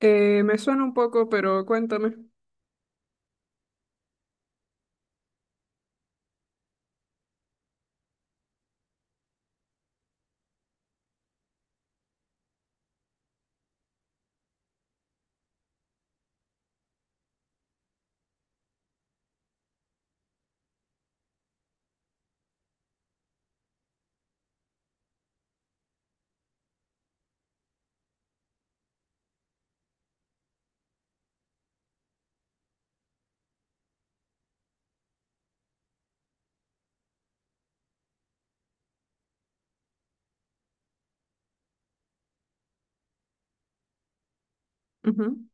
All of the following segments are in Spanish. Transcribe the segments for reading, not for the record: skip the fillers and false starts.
Me suena un poco, pero cuéntame. Ujú.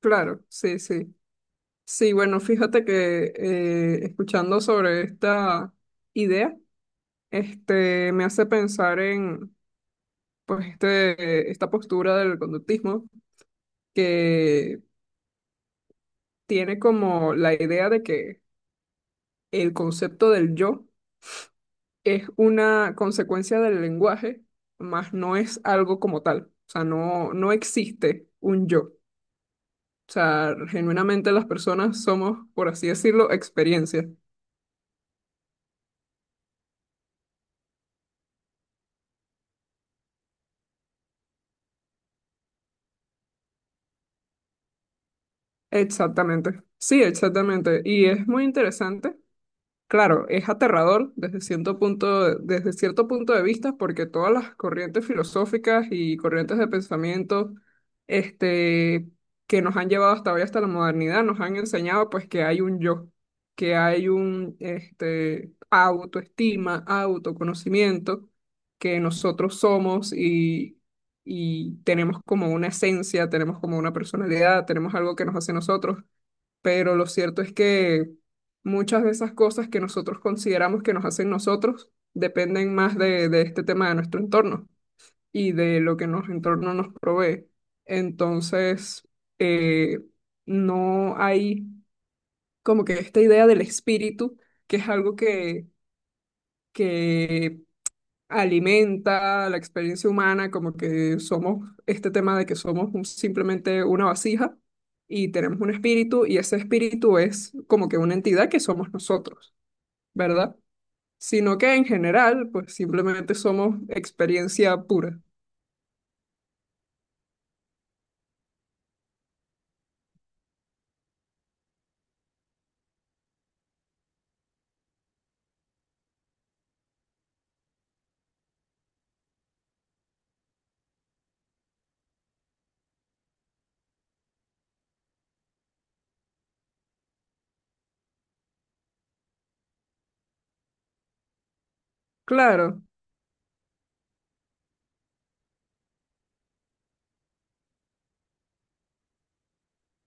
Claro, sí, sí. Sí, bueno, fíjate que escuchando sobre esta idea, me hace pensar en, pues, esta postura del conductismo que tiene como la idea de que el concepto del yo es una consecuencia del lenguaje, más no es algo como tal. O sea, no existe un yo. O sea, genuinamente las personas somos, por así decirlo, experiencia. Exactamente. Sí, exactamente. Y es muy interesante. Claro, es aterrador desde cierto punto de vista, porque todas las corrientes filosóficas y corrientes de pensamiento, este, que nos han llevado hasta hoy, hasta la modernidad, nos han enseñado pues que hay un yo, que hay un, autoestima, autoconocimiento, que nosotros somos y, tenemos como una esencia, tenemos como una personalidad, tenemos algo que nos hace nosotros, pero lo cierto es que muchas de esas cosas que nosotros consideramos que nos hacen nosotros dependen más de, este tema de nuestro entorno y de lo que nuestro entorno nos provee. Entonces, eh, no hay como que esta idea del espíritu, que es algo que, que alimenta la experiencia humana, como que somos este tema de que somos simplemente una vasija y tenemos un espíritu y ese espíritu es como que una entidad que somos nosotros, ¿verdad? Sino que en general, pues simplemente somos experiencia pura. Claro,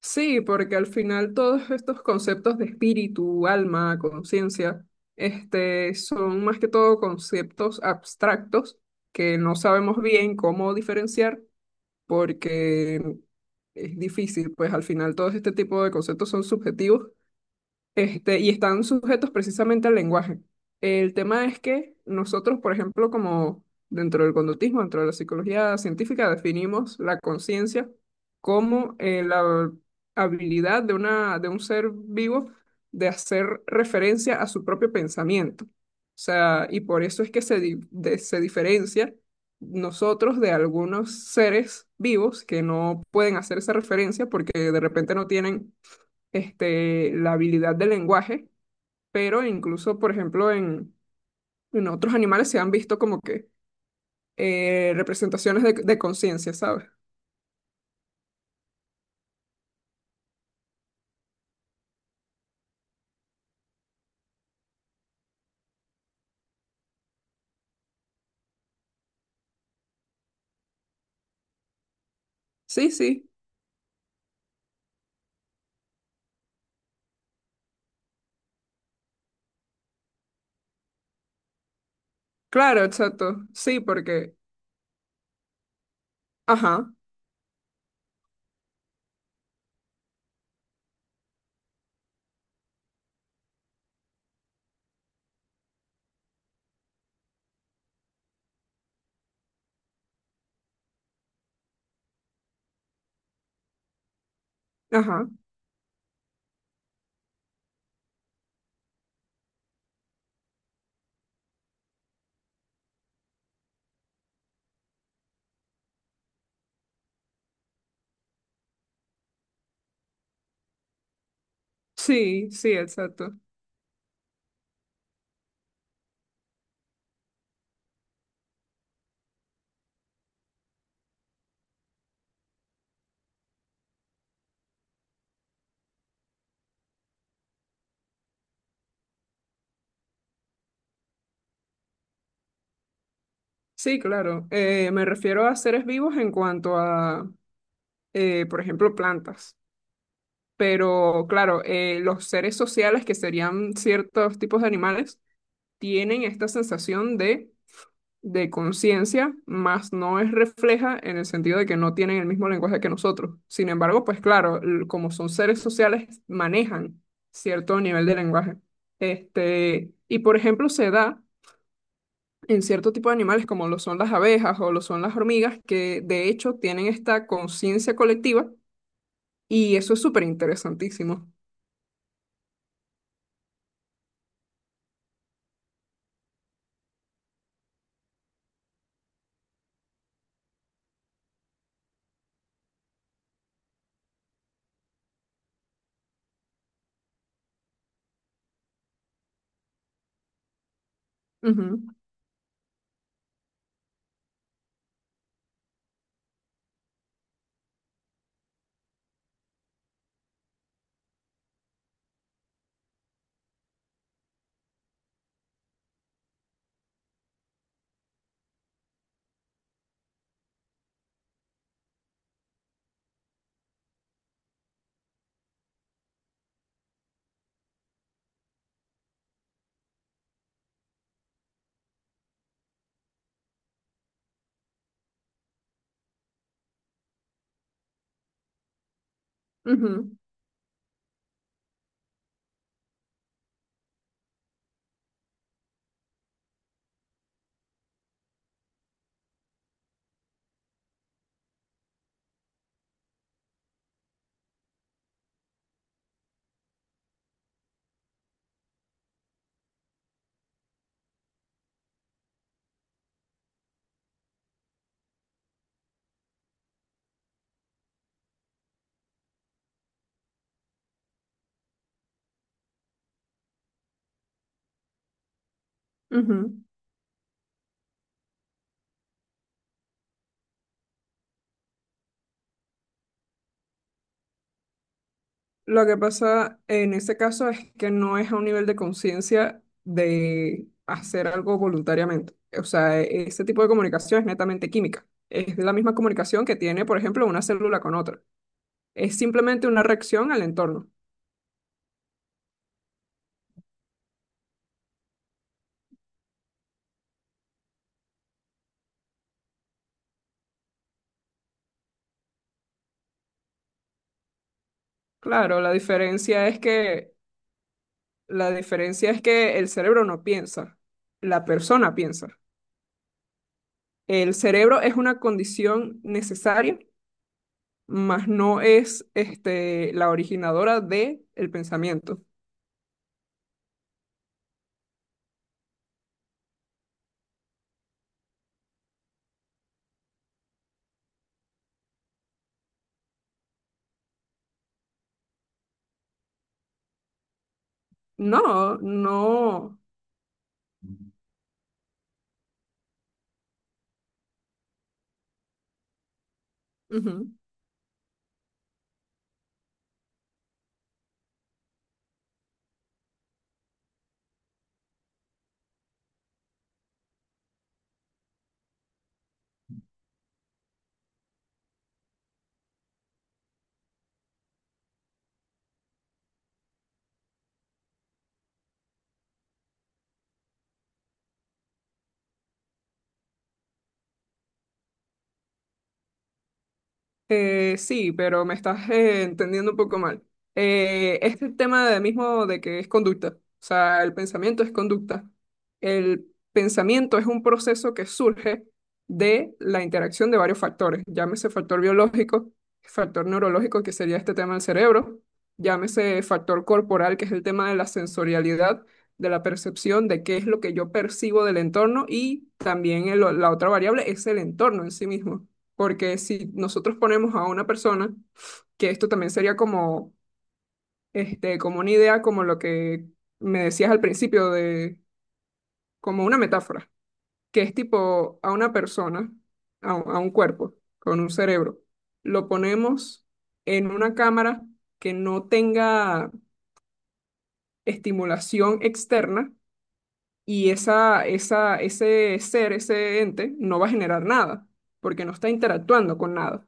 sí, porque al final todos estos conceptos de espíritu, alma, conciencia, son más que todo conceptos abstractos que no sabemos bien cómo diferenciar, porque es difícil, pues al final todo este tipo de conceptos son subjetivos, y están sujetos precisamente al lenguaje. El tema es que nosotros, por ejemplo, como dentro del conductismo, dentro de la psicología científica, definimos la conciencia como la habilidad de una, de un ser vivo de hacer referencia a su propio pensamiento. O sea, y por eso es que se diferencia nosotros de algunos seres vivos que no pueden hacer esa referencia porque de repente no tienen, la habilidad del lenguaje, pero incluso, por ejemplo, en otros animales se han visto como que representaciones de conciencia, ¿sabes? Sí, sí, claro, exacto. Sí, porque, ajá, ajá, sí, sí, exacto. Sí, claro. Me refiero a seres vivos en cuanto a, por ejemplo, plantas. Pero claro, los seres sociales, que serían ciertos tipos de animales, tienen esta sensación de conciencia, más no es refleja en el sentido de que no tienen el mismo lenguaje que nosotros. Sin embargo, pues claro, como son seres sociales, manejan cierto nivel de lenguaje. Este, y por ejemplo, se da en cierto tipo de animales como lo son las abejas o lo son las hormigas, que de hecho tienen esta conciencia colectiva y eso es súper interesantísimo. Ujú, ujú, ujú. Lo que pasa en ese caso es que no es a un nivel de conciencia de hacer algo voluntariamente. O sea, ese tipo de comunicación es netamente química. Es la misma comunicación que tiene, por ejemplo, una célula con otra. Es simplemente una reacción al entorno. Claro, la diferencia es que el cerebro no piensa, la persona piensa. El cerebro es una condición necesaria, mas no es la originadora del pensamiento. No, no. Ujú. Sí, pero me estás entendiendo un poco mal. Este tema de mismo de que es conducta, o sea, el pensamiento es conducta. El pensamiento es un proceso que surge de la interacción de varios factores, llámese factor biológico, factor neurológico, que sería este tema del cerebro, llámese factor corporal, que es el tema de la sensorialidad, de la percepción de qué es lo que yo percibo del entorno y también la otra variable es el entorno en sí mismo, porque si nosotros ponemos a una persona, que esto también sería como, como una idea, como lo que me decías al principio, de, como una metáfora, que es tipo a una persona, a un cuerpo, con un cerebro, lo ponemos en una cámara que no tenga estimulación externa y ese ser, ese ente, no va a generar nada, porque no está interactuando con nada.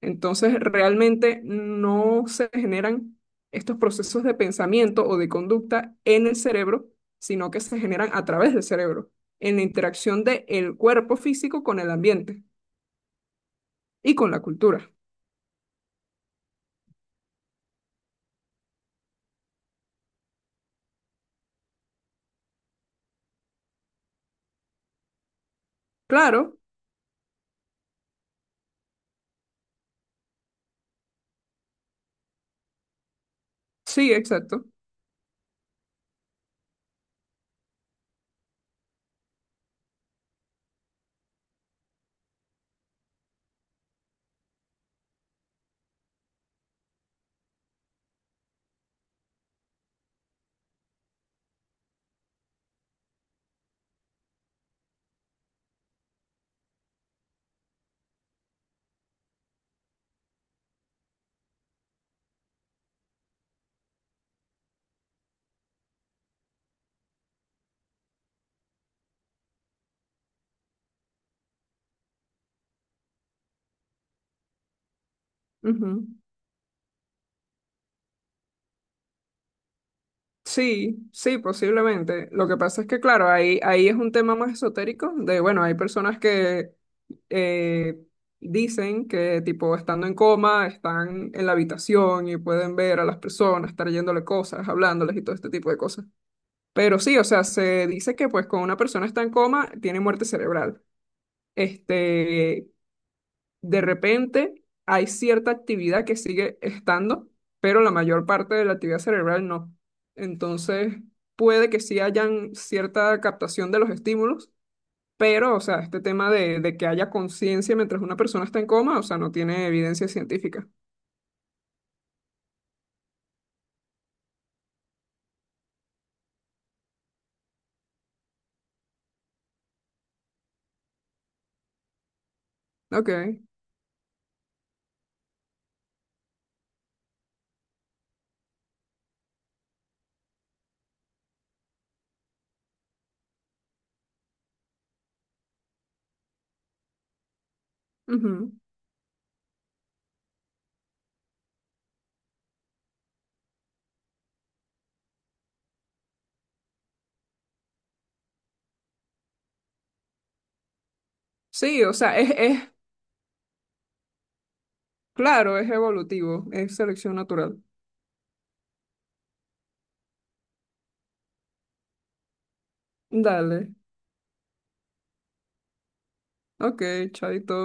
Entonces, realmente no se generan estos procesos de pensamiento o de conducta en el cerebro, sino que se generan a través del cerebro, en la interacción del cuerpo físico con el ambiente y con la cultura. Claro, sí, exacto. Ujú. Sí, sí, posiblemente. Lo que pasa es que, claro, ahí es un tema más esotérico de, bueno, hay personas que eh, dicen que, tipo, estando en coma, están en la habitación y pueden ver a las personas, estar yéndole cosas, hablándoles y todo este tipo de cosas. Pero sí, o sea, se dice que, pues, cuando una persona está en coma, tiene muerte cerebral. Este, de repente hay cierta actividad que sigue estando, pero la mayor parte de la actividad cerebral no. Entonces, puede que sí hayan cierta captación de los estímulos, pero, o sea, este tema de que haya conciencia mientras una persona está en coma, o sea, no tiene evidencia científica. Ok. Ujú. Sí, o sea, es, claro, es evolutivo, es selección natural. Dale. Ok, chaito.